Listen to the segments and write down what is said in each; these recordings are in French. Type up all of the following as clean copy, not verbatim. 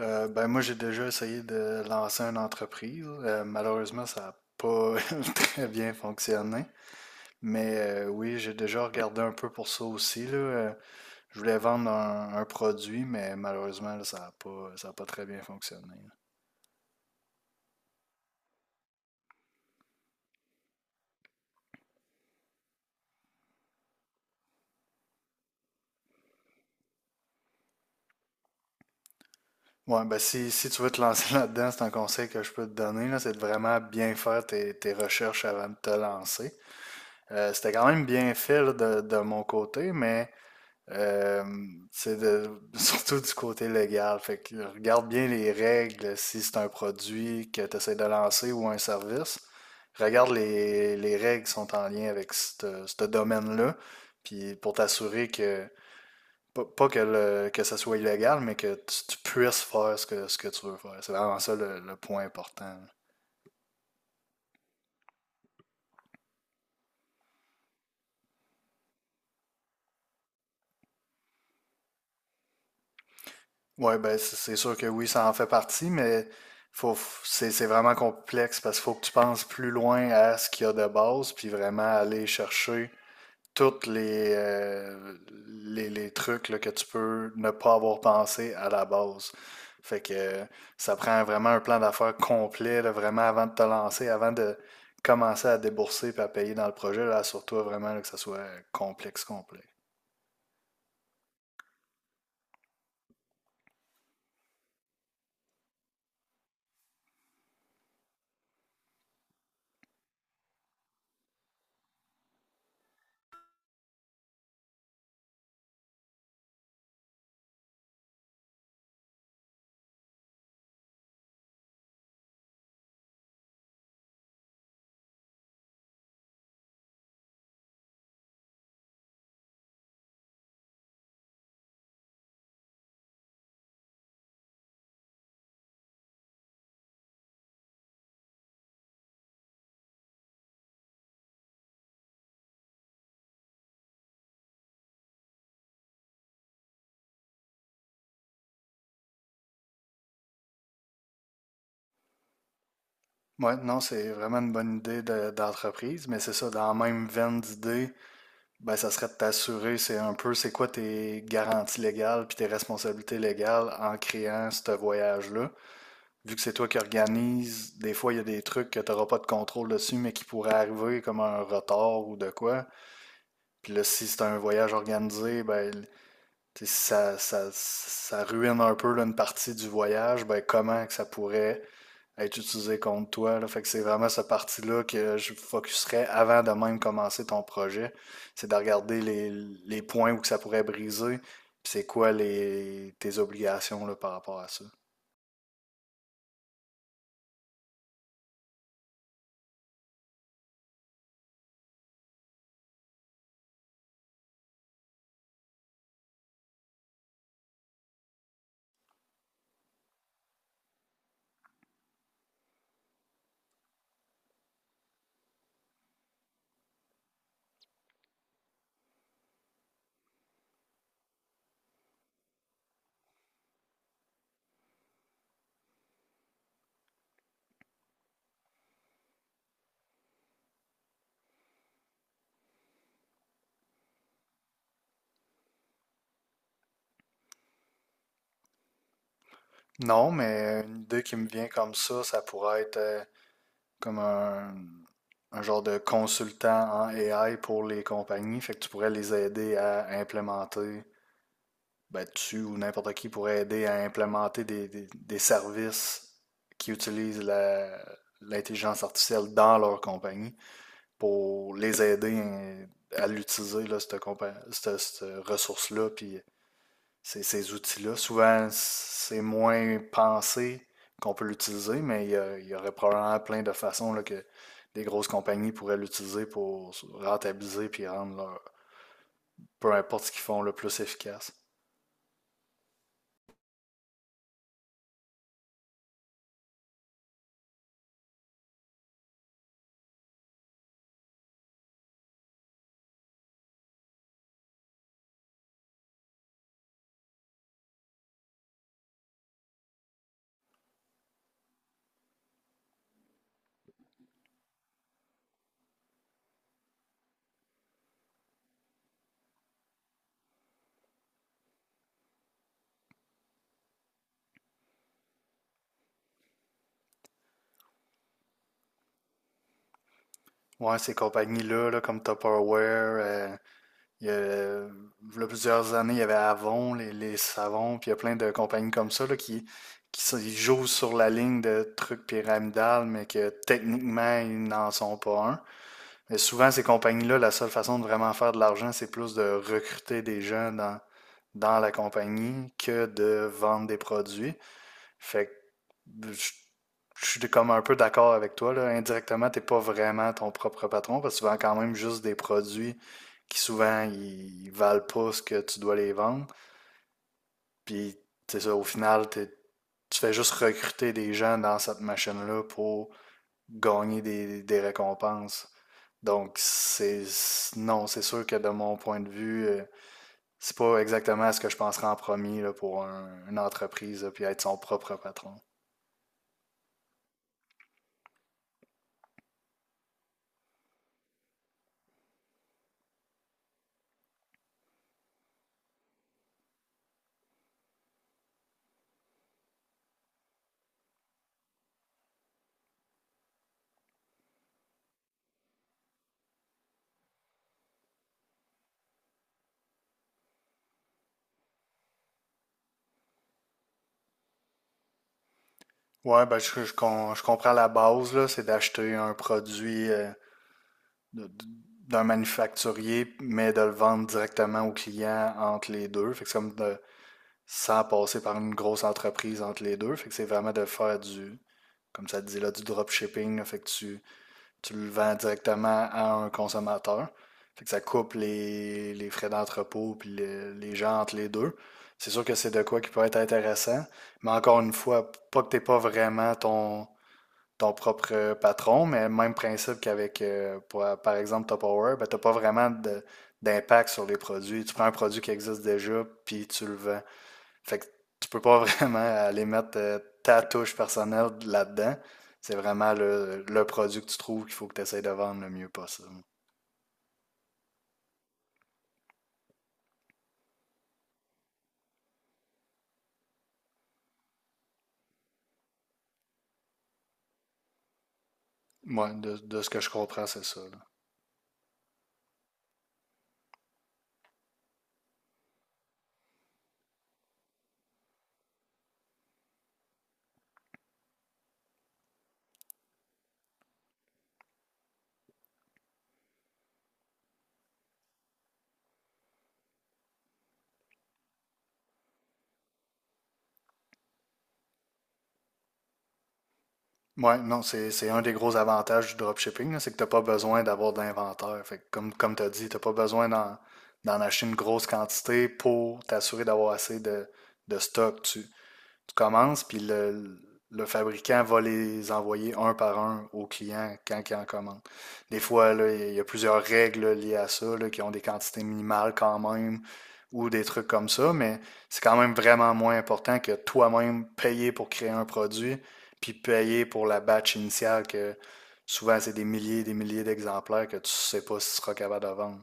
Ben moi, j'ai déjà essayé de lancer une entreprise. Malheureusement, ça n'a pas très bien fonctionné. Mais oui, j'ai déjà regardé un peu pour ça aussi, là. Je voulais vendre un produit, mais malheureusement, là, ça a pas très bien fonctionné. Là. Ouais, ben si tu veux te lancer là-dedans, c'est un conseil que je peux te donner, là, c'est de vraiment bien faire tes recherches avant de te lancer. C'était quand même bien fait là, de mon côté, mais Euh, c'est de- surtout du côté légal. Fait que regarde bien les règles si c'est un produit que tu essaies de lancer ou un service. Regarde les règles qui sont en lien avec ce domaine-là. Puis pour t'assurer que, pas que, le- que ça soit illégal, mais que tu puisses faire ce que tu veux faire. C'est vraiment ça le point important. Ouais, ben c'est sûr que oui, ça en fait partie, mais c'est vraiment complexe parce qu'il faut que tu penses plus loin à ce qu'il y a de base, puis vraiment aller chercher toutes les, euh, les trucs là, que tu peux ne pas avoir pensé à la base. Fait que ça prend vraiment un plan d'affaires complet, là, vraiment avant de te lancer, avant de commencer à débourser et à payer dans le projet, là, assure-toi vraiment là, que ça soit complet. Ouais, non, c'est vraiment une bonne d'entreprise, mais c'est ça, dans la même veine d'idée, ben, ça serait de t'assurer, c'est un peu, c'est quoi tes garanties légales puis tes responsabilités légales en créant ce voyage-là. Vu que c'est toi qui organises, des fois, il y a des trucs que tu n'auras pas de contrôle dessus, mais qui pourraient arriver comme un retard ou de quoi. Puis là, si c'est un voyage organisé, ben, tu sais, ça ruine un peu là, une partie du voyage, ben, comment que ça pourrait être utilisé contre toi. Là. Fait que c'est vraiment cette partie-là que je focuserais avant de même commencer ton projet. C'est de regarder les points où que ça pourrait briser. Puis c'est quoi tes obligations là, par rapport à ça. Non, mais une idée qui me vient comme ça pourrait être comme un genre de consultant en AI pour les compagnies. Fait que tu pourrais les aider à implémenter ben, tu ou n'importe qui pourrait aider à implémenter des services qui utilisent l'intelligence artificielle dans leur compagnie pour les aider à l'utiliser, là, cette ressource-là, puis ces outils-là. Souvent, c'est moins pensé qu'on peut l'utiliser, mais il y aurait probablement plein de façons là, que des grosses compagnies pourraient l'utiliser pour rentabiliser puis rendre leur, peu importe ce qu'ils font, le plus efficace. Ouais, ces compagnies-là, là, comme Tupperware, il y a, euh, v'là plusieurs années, il y avait Avon, les savons, puis il y a plein de compagnies comme ça là, ils jouent sur la ligne de trucs pyramidales, mais que techniquement, ils n'en sont pas un. Mais souvent, ces compagnies-là, la seule façon de vraiment faire de l'argent, c'est plus de recruter des gens dans la compagnie que de vendre des produits. Fait que je suis comme un peu d'accord avec toi, là. Indirectement, t'es pas vraiment ton propre patron parce que tu vends quand même juste des produits qui souvent ils valent pas ce que tu dois les vendre. Puis c'est ça, au final, tu fais juste recruter des gens dans cette machine-là pour gagner des récompenses. Non, c'est sûr que de mon point de vue, c'est pas exactement ce que je penserais en premier là, pour une entreprise là, puis être son propre patron. Ouais, ben, je comprends la base, là, c'est d'acheter un produit de- de- d'un manufacturier, mais de le vendre directement au client entre les deux. Fait que c'est comme de, sans passer par une grosse entreprise entre les deux. Fait que c'est vraiment de faire du, comme ça te dit là, du dropshipping. Là. Fait que tu le vends directement à un consommateur. Fait que ça coupe les frais d'entrepôt puis les gens entre les deux. C'est sûr que c'est de quoi qui peut être intéressant, mais encore une fois, pas que t'aies pas vraiment ton propre patron, mais même principe qu'avec, par exemple, Tupperware, ben, tu n'as pas vraiment d'impact sur les produits. Tu prends un produit qui existe déjà, puis tu le vends. Fait que tu peux pas vraiment aller mettre ta touche personnelle là-dedans. C'est vraiment le produit que tu trouves qu'il faut que tu essaies de vendre le mieux possible. Moi, de ce que je comprends, c'est ça. Là. Ouais, non, c'est un des gros avantages du dropshipping, là, c'est que tu n'as pas besoin d'avoir de l'inventaire. Fait que comme tu as dit, tu n'as pas besoin d'en acheter une grosse quantité pour t'assurer d'avoir assez de stock. Tu commences, puis le fabricant va les envoyer un par un au client quand il en commande. Des fois, là, il y a plusieurs règles liées à ça, là, qui ont des quantités minimales quand même, ou des trucs comme ça, mais c'est quand même vraiment moins important que toi-même payer pour créer un produit, puis payer pour la batch initiale, que souvent c'est des milliers et des milliers d'exemplaires que tu ne sais pas si tu seras capable de vendre.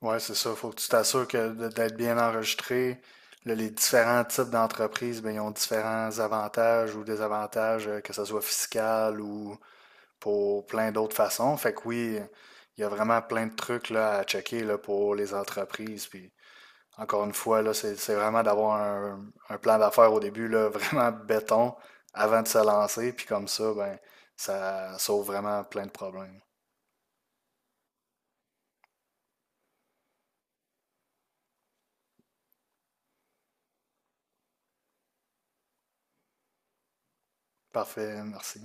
Ouais, c'est ça. Faut que tu t'assures d'être bien enregistré. Là, les différents types d'entreprises, ben, ils ont différents avantages ou désavantages, que ce soit fiscal ou pour plein d'autres façons. Fait que oui, il y a vraiment plein de trucs là, à checker là, pour les entreprises. Puis encore une fois, là, c'est vraiment d'avoir un plan d'affaires au début, là, vraiment béton avant de se lancer. Puis comme ça, ben, ça sauve vraiment plein de problèmes. Parfait, merci.